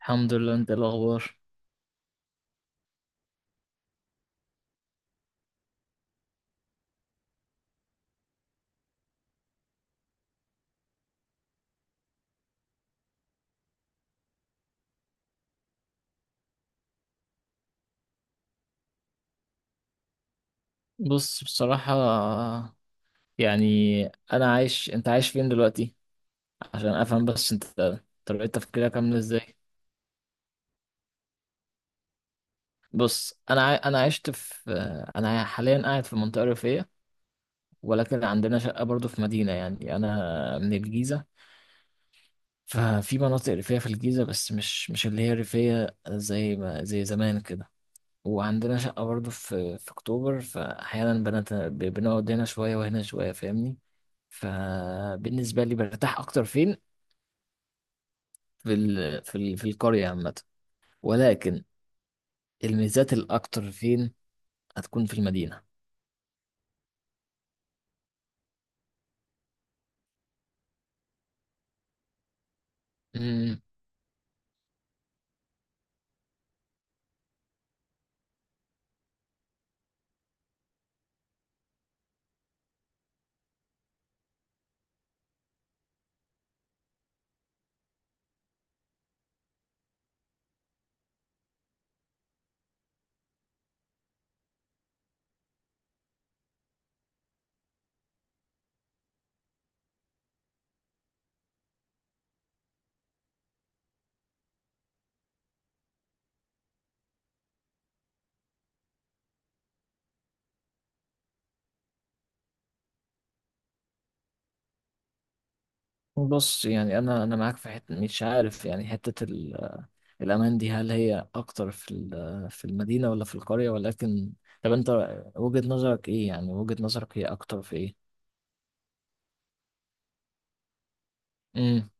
الحمد لله. انت ايه الاخبار؟ بص بصراحة، يعني انا عايش، انت عايش فين دلوقتي عشان افهم بس انت طريقة تفكيرك عاملة ازاي. بص انا عشت في، انا حاليا قاعد في منطقة ريفية، ولكن عندنا شقة برضو في مدينة. يعني انا من الجيزة، ففي مناطق ريفية في الجيزة، بس مش اللي هي ريفية زي ما زي زمان كده. وعندنا شقة برضه في أكتوبر، فأحيانا بنقعد هنا شوية وهنا شوية، فاهمني؟ فبالنسبة لي برتاح أكتر فين؟ في القرية عامة، ولكن الميزات الأكتر فين هتكون؟ في المدينة. أمم، بص، يعني أنا معاك في حتة، مش عارف يعني، الأمان دي هل هي أكتر في ال... في المدينة ولا في القرية؟ ولكن طب أنت وجهة نظرك إيه؟ يعني وجهة نظرك هي أكتر في إيه؟ امم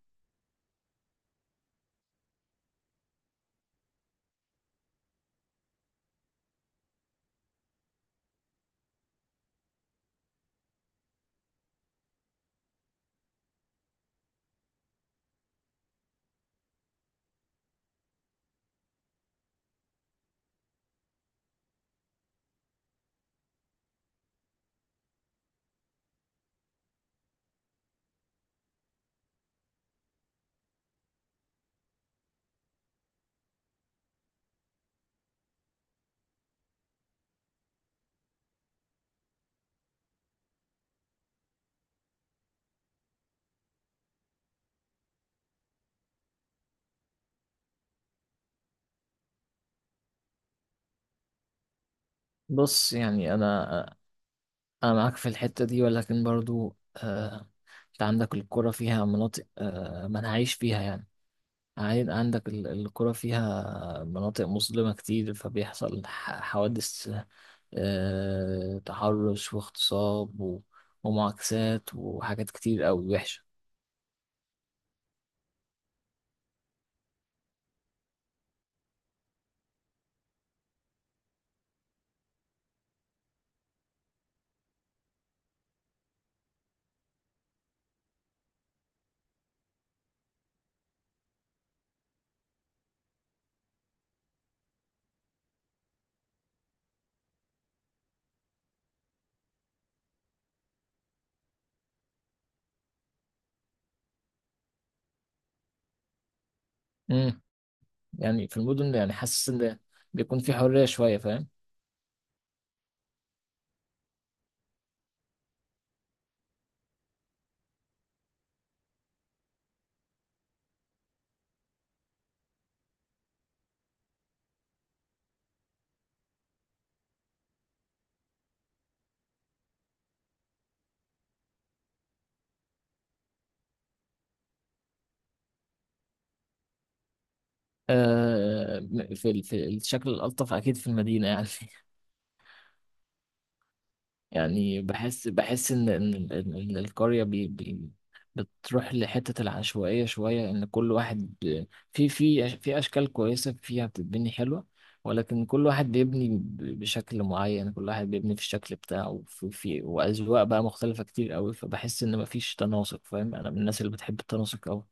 بص، يعني أنا معاك في الحتة دي، ولكن برضو أنت عندك الكرة فيها مناطق ما نعيش فيها يعني. عندك الكرة فيها مناطق مظلمة كتير، فبيحصل حوادث، تحرش واغتصاب ومعاكسات وحاجات كتير أوي وحشة. مم. يعني في المدن، يعني حاسس إن بيكون في حرية شوية، فاهم؟ آه، في ال- في الشكل الألطف أكيد في المدينة يعني. يعني بحس ان إن القريه بي بي بتروح لحته العشوائيه شويه، ان كل واحد في اشكال كويسه فيها بتتبني حلوه، ولكن كل واحد بيبني بشكل معين، كل واحد بيبني في الشكل بتاعه، في واذواق بقى مختلفه كتير قوي، فبحس ان مفيش تناسق فاهم. انا من الناس اللي بتحب التناسق قوي.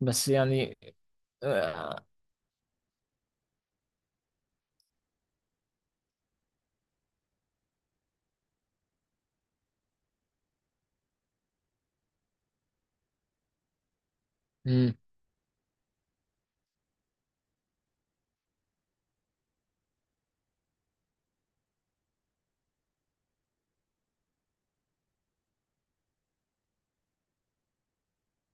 بس يعني آه،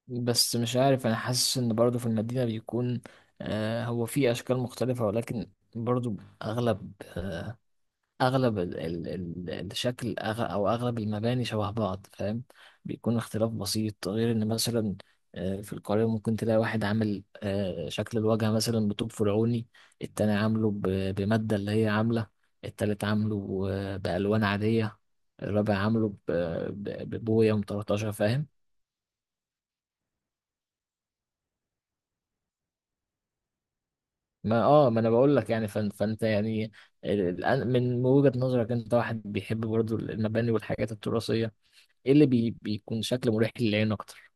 بس مش عارف، انا حاسس ان برضو في المدينة بيكون، آه، هو في اشكال مختلفة، ولكن برضو اغلب آه اغلب ال ال ال الشكل أغ او اغلب المباني شبه بعض، فاهم. بيكون اختلاف بسيط، غير ان مثلا آه في القاهرة ممكن تلاقي واحد عامل آه شكل الواجهة مثلا بطوب فرعوني، التاني عامله بمادة اللي هي عاملة، التالت عامله بألوان عادية، الرابع عامله ببوية مطرطشة، فاهم؟ ما اه ما انا بقول لك يعني فانت يعني، من وجهة نظرك انت واحد بيحب برضو المباني والحاجات التراثية، ايه اللي بيكون شكل مريح للعين اكتر؟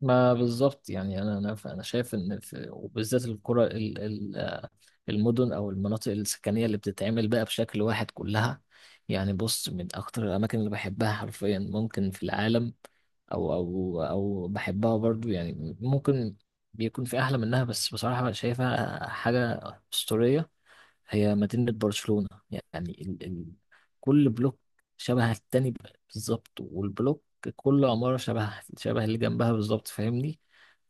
ما بالظبط، يعني انا شايف ان في، وبالذات القرى ال- المدن او المناطق السكنية اللي بتتعمل بقى بشكل واحد كلها. يعني بص، من اكتر الاماكن اللي بحبها حرفيا ممكن في العالم، او او او بحبها برضو يعني، ممكن بيكون في احلى منها، بس بصراحة شايفها حاجة أسطورية، هي مدينة برشلونة. يعني ال... ال... كل بلوك شبه التاني بالظبط، والبلوك كل عمارة شبه اللي جنبها بالظبط، فاهمني؟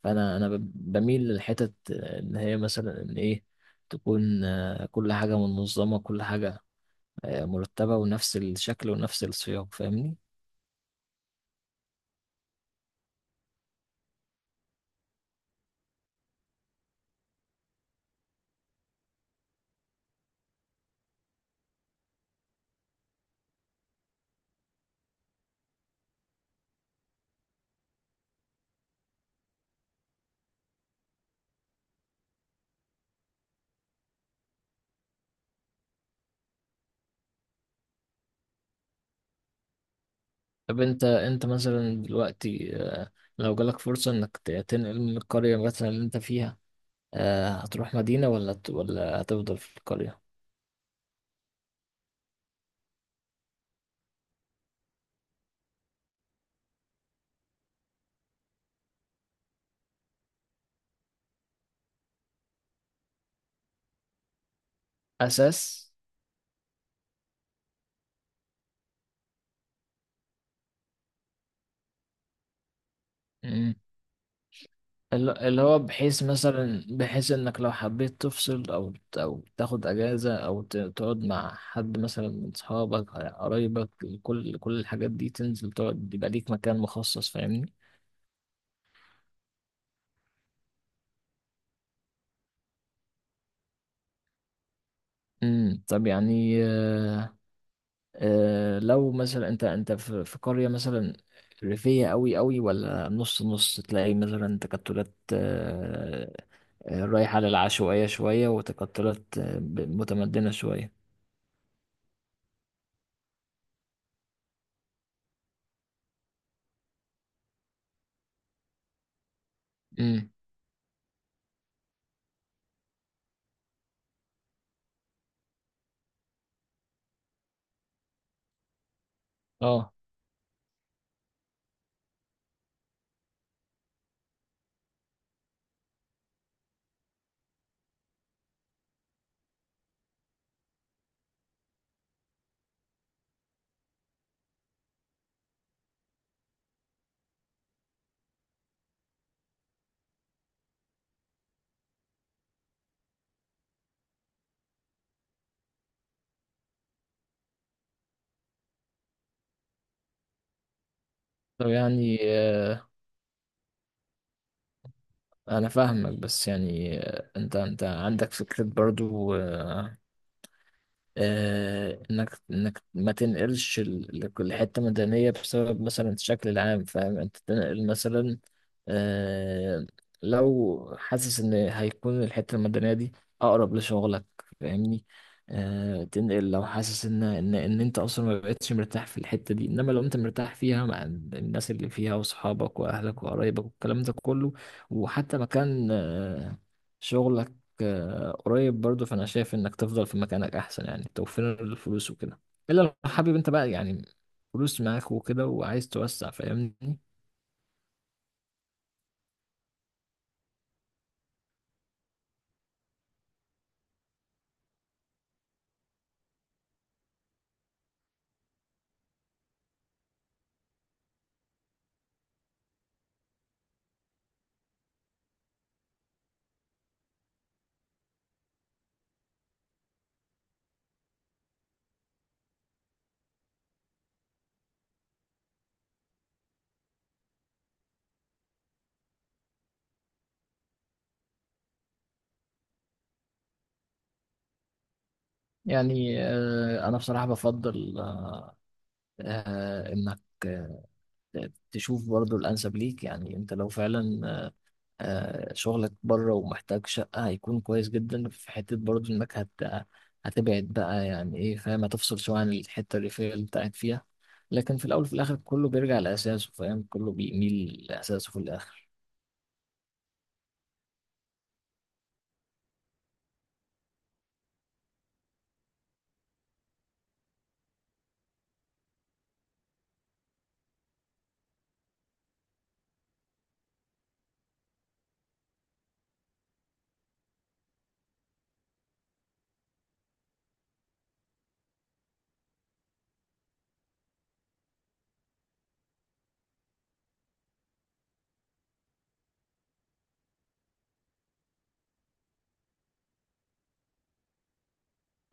بميل للحتت إن هي مثلا إن إيه، تكون كل حاجة منظمة، كل حاجة مرتبة، ونفس الشكل ونفس السياق، فاهمني؟ طب أنت مثلا دلوقتي، لو جالك فرصة إنك تنقل من القرية مثلا اللي أنت فيها، هتروح مدينة ولا هتفضل في القرية؟ اساس. مم. اللي هو بحيث مثلا، بحيث انك لو حبيت تفصل او او تاخد اجازه او تقعد مع حد مثلا من اصحابك قرايبك، كل الحاجات دي، تنزل تقعد يبقى ليك مكان مخصص، فاهمني؟ مم. طب يعني لو مثلا انت في قريه مثلا ريفيه قوي ولا نص نص، تلاقي مثلا تكتلات آه، رايحه للعشوائيه شويه، وتكتلات متمدنه شويه. اه. طب يعني، انا فاهمك، بس يعني انت عندك فكرة برضو انك ما تنقلش لكل حته مدنيه بسبب مثلا الشكل العام، فاهم؟ انت تنقل مثلا، آه، لو حاسس ان هيكون الحته المدنيه دي اقرب لشغلك، فاهمني؟ تنقل لو حاسس ان انت اصلا ما بقتش مرتاح في الحته دي، انما لو انت مرتاح فيها مع الناس اللي فيها واصحابك واهلك وقرايبك والكلام ده كله، وحتى مكان شغلك قريب برضو، فانا شايف انك تفضل في مكانك احسن، يعني توفير الفلوس وكده، الا لو حابب انت بقى، يعني فلوس معاك وكده، وعايز توسع، فاهمني؟ يعني انا بصراحة بفضل انك آه، تشوف برضو الانسب ليك. يعني انت لو فعلا شغلك بره ومحتاج شقة، هيكون كويس جدا في حتة برضه إنك هتبعد بقى، يعني إيه فاهم، هتفصل شوية عن الحتة الريفية اللي أنت قاعد فيها. لكن في الأول وفي الآخر كله بيرجع لأساسه، فاهم؟ كله بيميل لأساسه في الآخر.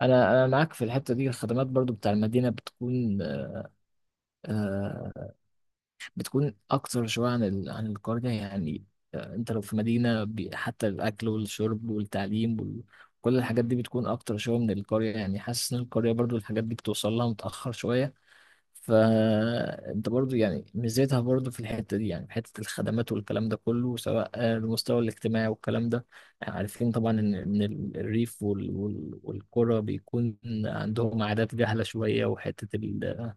أنا معاك في الحتة دي. الخدمات برضه بتاع المدينة بتكون، آه، بتكون اكتر شويه عن ال... عن القريه يعني. انت لو في مدينه حتى الاكل والشرب والتعليم وال... كل الحاجات دي بتكون اكتر شويه من القريه. يعني حاسس ان القريه برضو الحاجات دي بتوصل لها متاخر شويه. فانت برضو يعني ميزتها برضو في الحته دي، يعني في حته الخدمات والكلام ده كله، سواء المستوى الاجتماعي والكلام ده. يعني عارفين طبعا الريف والقرى بيكون عندهم عادات جهله شويه، وحته ال...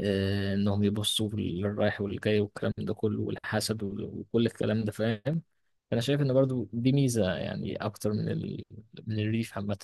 انهم يبصوا للرايح والجاي والكلام ده كله، والحسد وكل الكلام ده، فاهم؟ فانا شايف ان برضو دي ميزه يعني، اكتر من ال... من الريف عامه.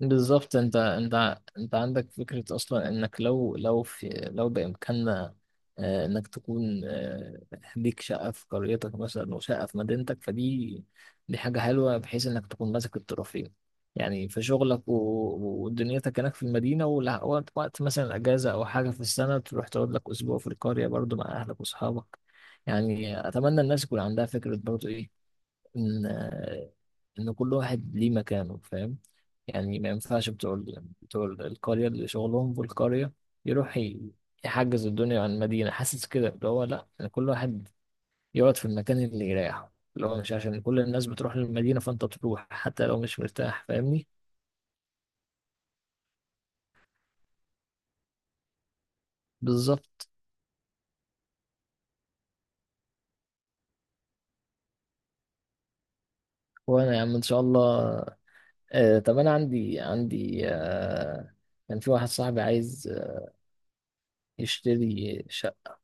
بالظبط. انت عندك فكرة اصلا، انك لو لو في لو بامكاننا، انك تكون ليك شقة في قريتك مثلا وشقة في مدينتك، فدي دي حاجة حلوة بحيث انك تكون ماسك الطرفين. يعني في شغلك ودنيتك هناك في المدينة، وقت مثلا اجازة او حاجة في السنة، تروح تقعد لك اسبوع في القرية برضو مع اهلك واصحابك. يعني اتمنى الناس يكون عندها فكرة برضو ايه، ان ان كل واحد ليه مكانه، فاهم؟ يعني ما ينفعش بتوع القرية اللي شغلهم في القرية يروح يحجز الدنيا عن المدينة، حاسس كده اللي هو لا، يعني كل واحد يقعد في المكان اللي يريحه، اللي هو مش عشان كل الناس بتروح للمدينة فأنت تروح حتى لو مش مرتاح، فاهمني؟ بالظبط. وأنا يا عم إن شاء الله. آه، طب أنا عندي آه، كان في واحد صاحبي عايز يشتري شقة،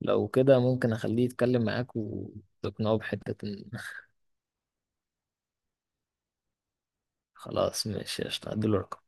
لو كده ممكن أخليه يتكلم معاك وتقنعه بحتة إن. خلاص ماشي، قشطة، هديله رقم